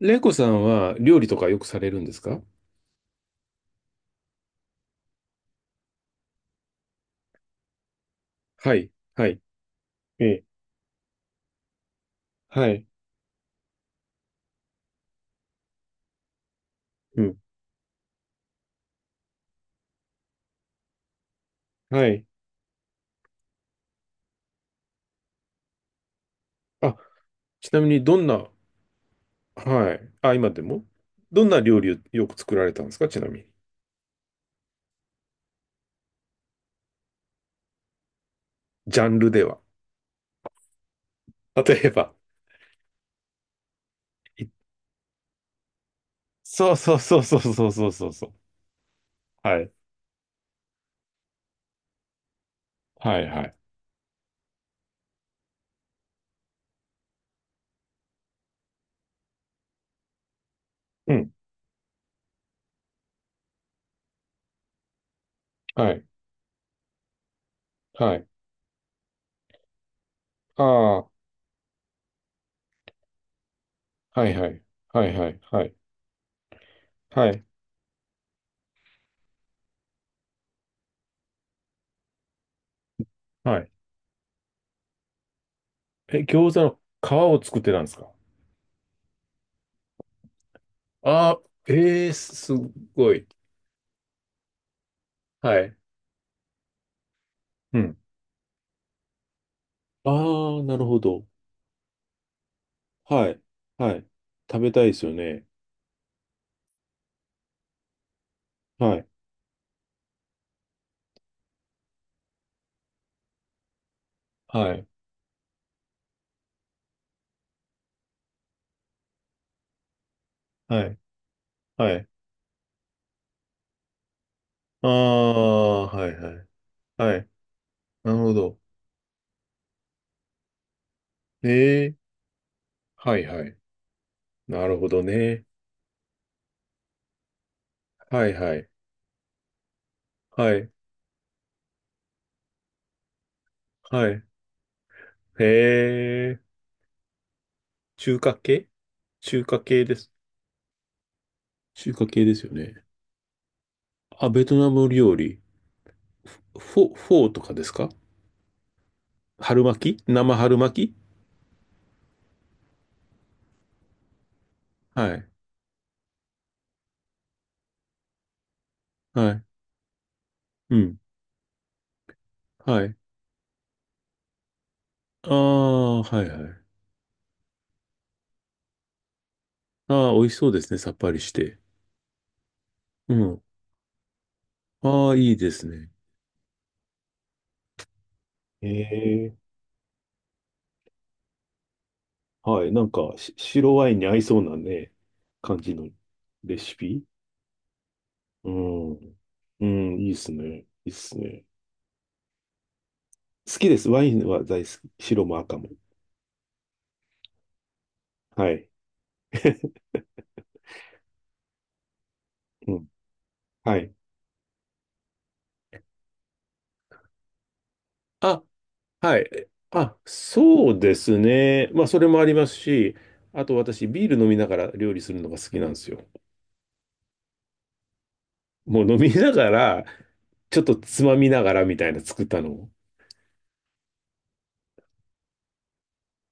レイコさんは料理とかよくされるんですか？はい、はい。ええ。はい。うん。はい。あ、ちなみにどんな、はい。あ、今でも。どんな料理をよく作られたんですか、ちなみに？ジャンルでは？例えば？いそうそうそうそうそうそうそうそう。はい。はいはい。うん、はい、はい。ああ、はいはい、はいはい、はい、はい、はい。え、餃子の皮を作ってたんですか？ああー、ええ、すごい。はい。うん。ああ、なるほど。はい。はい。食べたいですよね。はい。はい、はい、はい。ああ、はい、はい、はい。なるほど。ええ、はい、はい。なるほどね。はい、はい、はい、はい。へえ、中華系、中華系です。中華系ですよね。あ、ベトナム料理。フォーとかですか？春巻き、生春巻き。はい。はい。うん。はい。ああ、はいはい。ああ、美味しそうですね。さっぱりして。うん。ああ、いいですね。ええ。はい。なんか、白ワインに合いそうなね、感じのレシピ。うん。うん、いいっすね。いいっすね。好きです。ワインは大好き。白も赤も。はい。うん。はい。あ、はい。あ、そうですね。まあ、それもありますし、あと私、ビール飲みながら料理するのが好きなんですよ。もう飲みながら、ちょっとつまみながらみたいな作ったのを。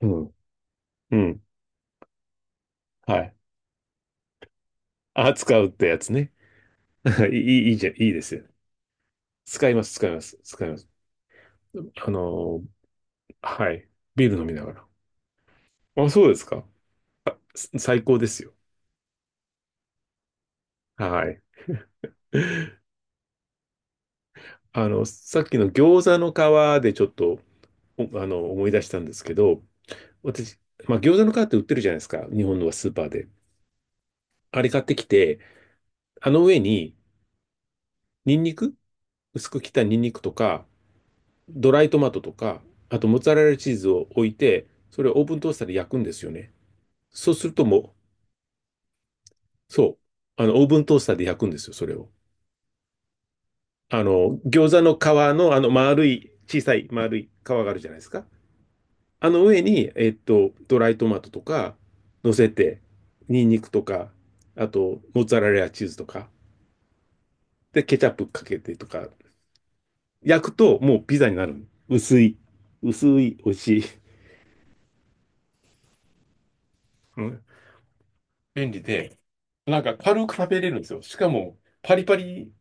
うんうん。はい。あ、使うってやつね。いい、いい、いいじゃん。いいですよ。使います、使います、使います。あのーはい。ビール飲みながら。あ、そうですか。最高ですよ。はい。あの、さっきの餃子の皮でちょっと、おあの、思い出したんですけど、私、まあ、餃子の皮って売ってるじゃないですか。日本のスーパーで。あれ買ってきて、あの上に、ニンニク薄く切ったニンニクとか、ドライトマトとか、あとモッツァレラチーズを置いて、それをオーブントースターで焼くんですよね。そうするともう、そう、オーブントースターで焼くんですよ、それを。あの、餃子の皮の、丸い、小さい丸い皮があるじゃないですか。あの上に、ドライトマトとか乗せて、ニンニクとか、あと、モッツァレラチーズとか、で、ケチャップかけてとか、焼くともうピザになる。薄い、薄い、美味しい。うん、便利で、なんか軽く食べれるんですよ。しかも、パリパリ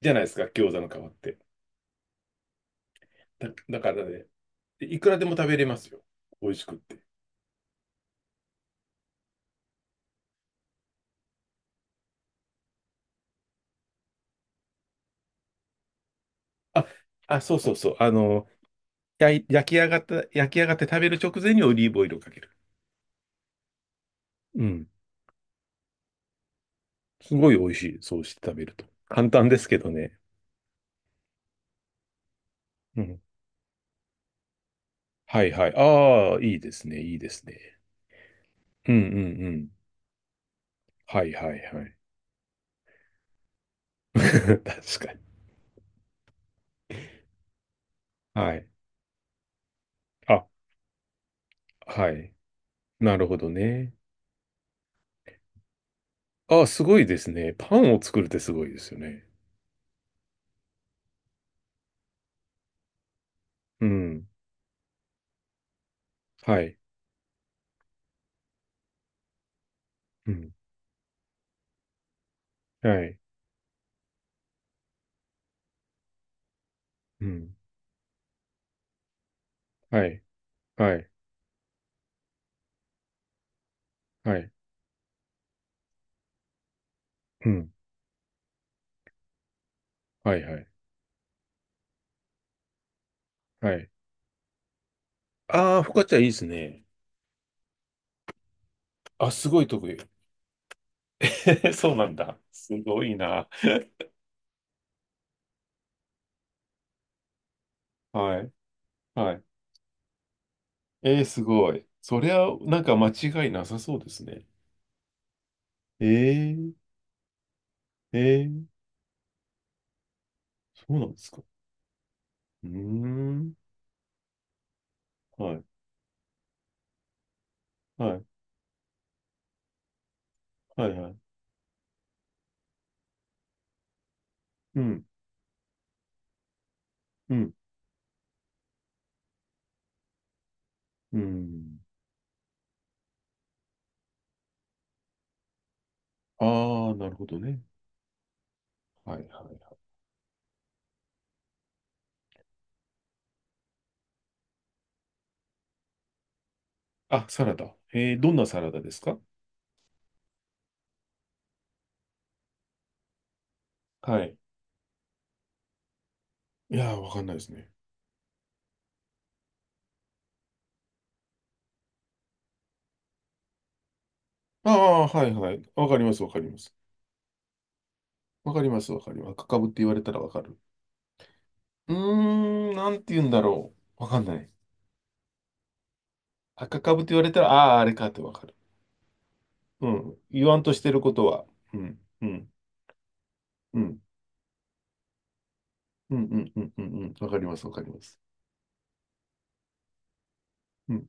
じゃないですか、餃子の皮って。だからね、でいくらでも食べれますよ。美味しくって。あ、あ、そうそうそう。焼き上がって食べる直前にオリーブオイルをかける。うん。すごい美味しい。そうして食べると。簡単ですけどね。うん。はいはい。ああ、いいですね。いいですね。うんうんうん。はいはいはい。確かに。はい。あ、はい。なるほどね。ああ、すごいですね。パンを作るってすごいですよね。うん。はい。うん。はい。うん。はい。はい。はい。うん。はいはい。はい。ああ、フォカッチャいいですね。あ、すごい得意。そうなんだ。すごいな。はい。はい。えー、すごい。そりゃ、なんか間違いなさそうですね。えー、えー、そうなんですか。うーん。はい。はい。はい。はい。うん。うん。うん。ああ、なるほどね。はい。はい。あ、サラダ。えー、どんなサラダですか？はい。いやー、わかんないですね。ああ、はい。はい。わかります。わかります。わかります。わかります。赤かぶって言われたらわかる。うーん、なんて言うんだろう。わかんない。赤株と言われたら、ああ、あれかってわかる。うん。言わんとしてることは。うん、うん、うん、うん、うん、うん、うん、うん、わかります、わかります。うん。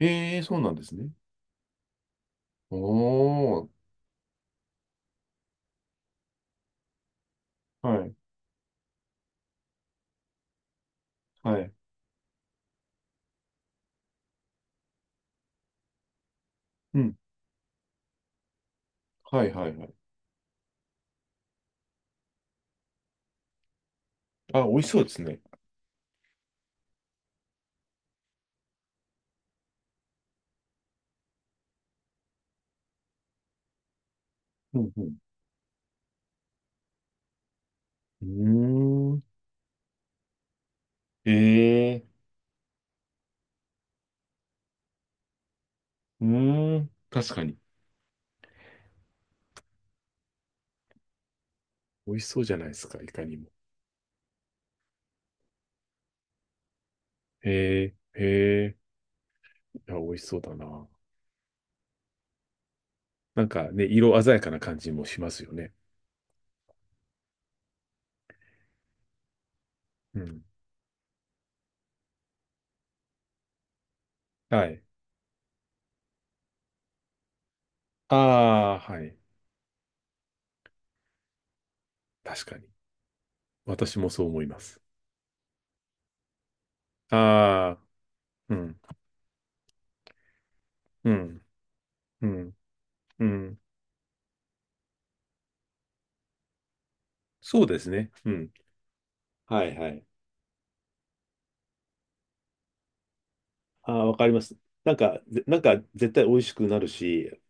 ええ、そうなんですね。おー、はい、はい。うん、はい、はい、はい。あ、美味しそうですね。うん、うん。うーん。ええ、うーん。確かに。美味しそうじゃないですか、いかにも。ええ、ええ、いや、美味しそうだな。なんかね、色鮮やかな感じもしますよね。うん。はい。ああ、はい。確かに。私もそう思います。ああ、うん、うん、うん、うん。そうですね。うん。はいはい。ああ、わかります。なんか、なんか絶対美味しくなるし、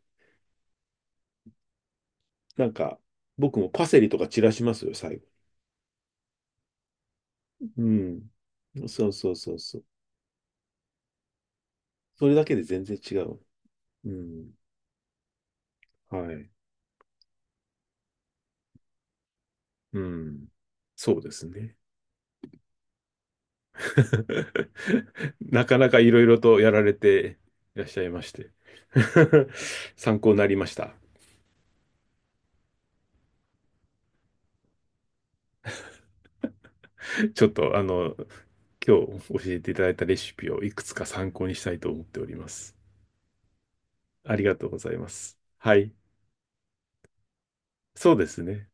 なんか、僕もパセリとか散らしますよ、最後。うん。そうそうそうそう。それだけで全然違う。うん。はい。うん。そうですね。なかなかいろいろとやられていらっしゃいまして 参考になりました。ちょっと今日教えていただいたレシピをいくつか参考にしたいと思っております。ありがとうございます。はい。そうですね。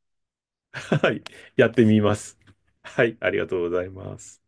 はい。やってみます。はい。ありがとうございます。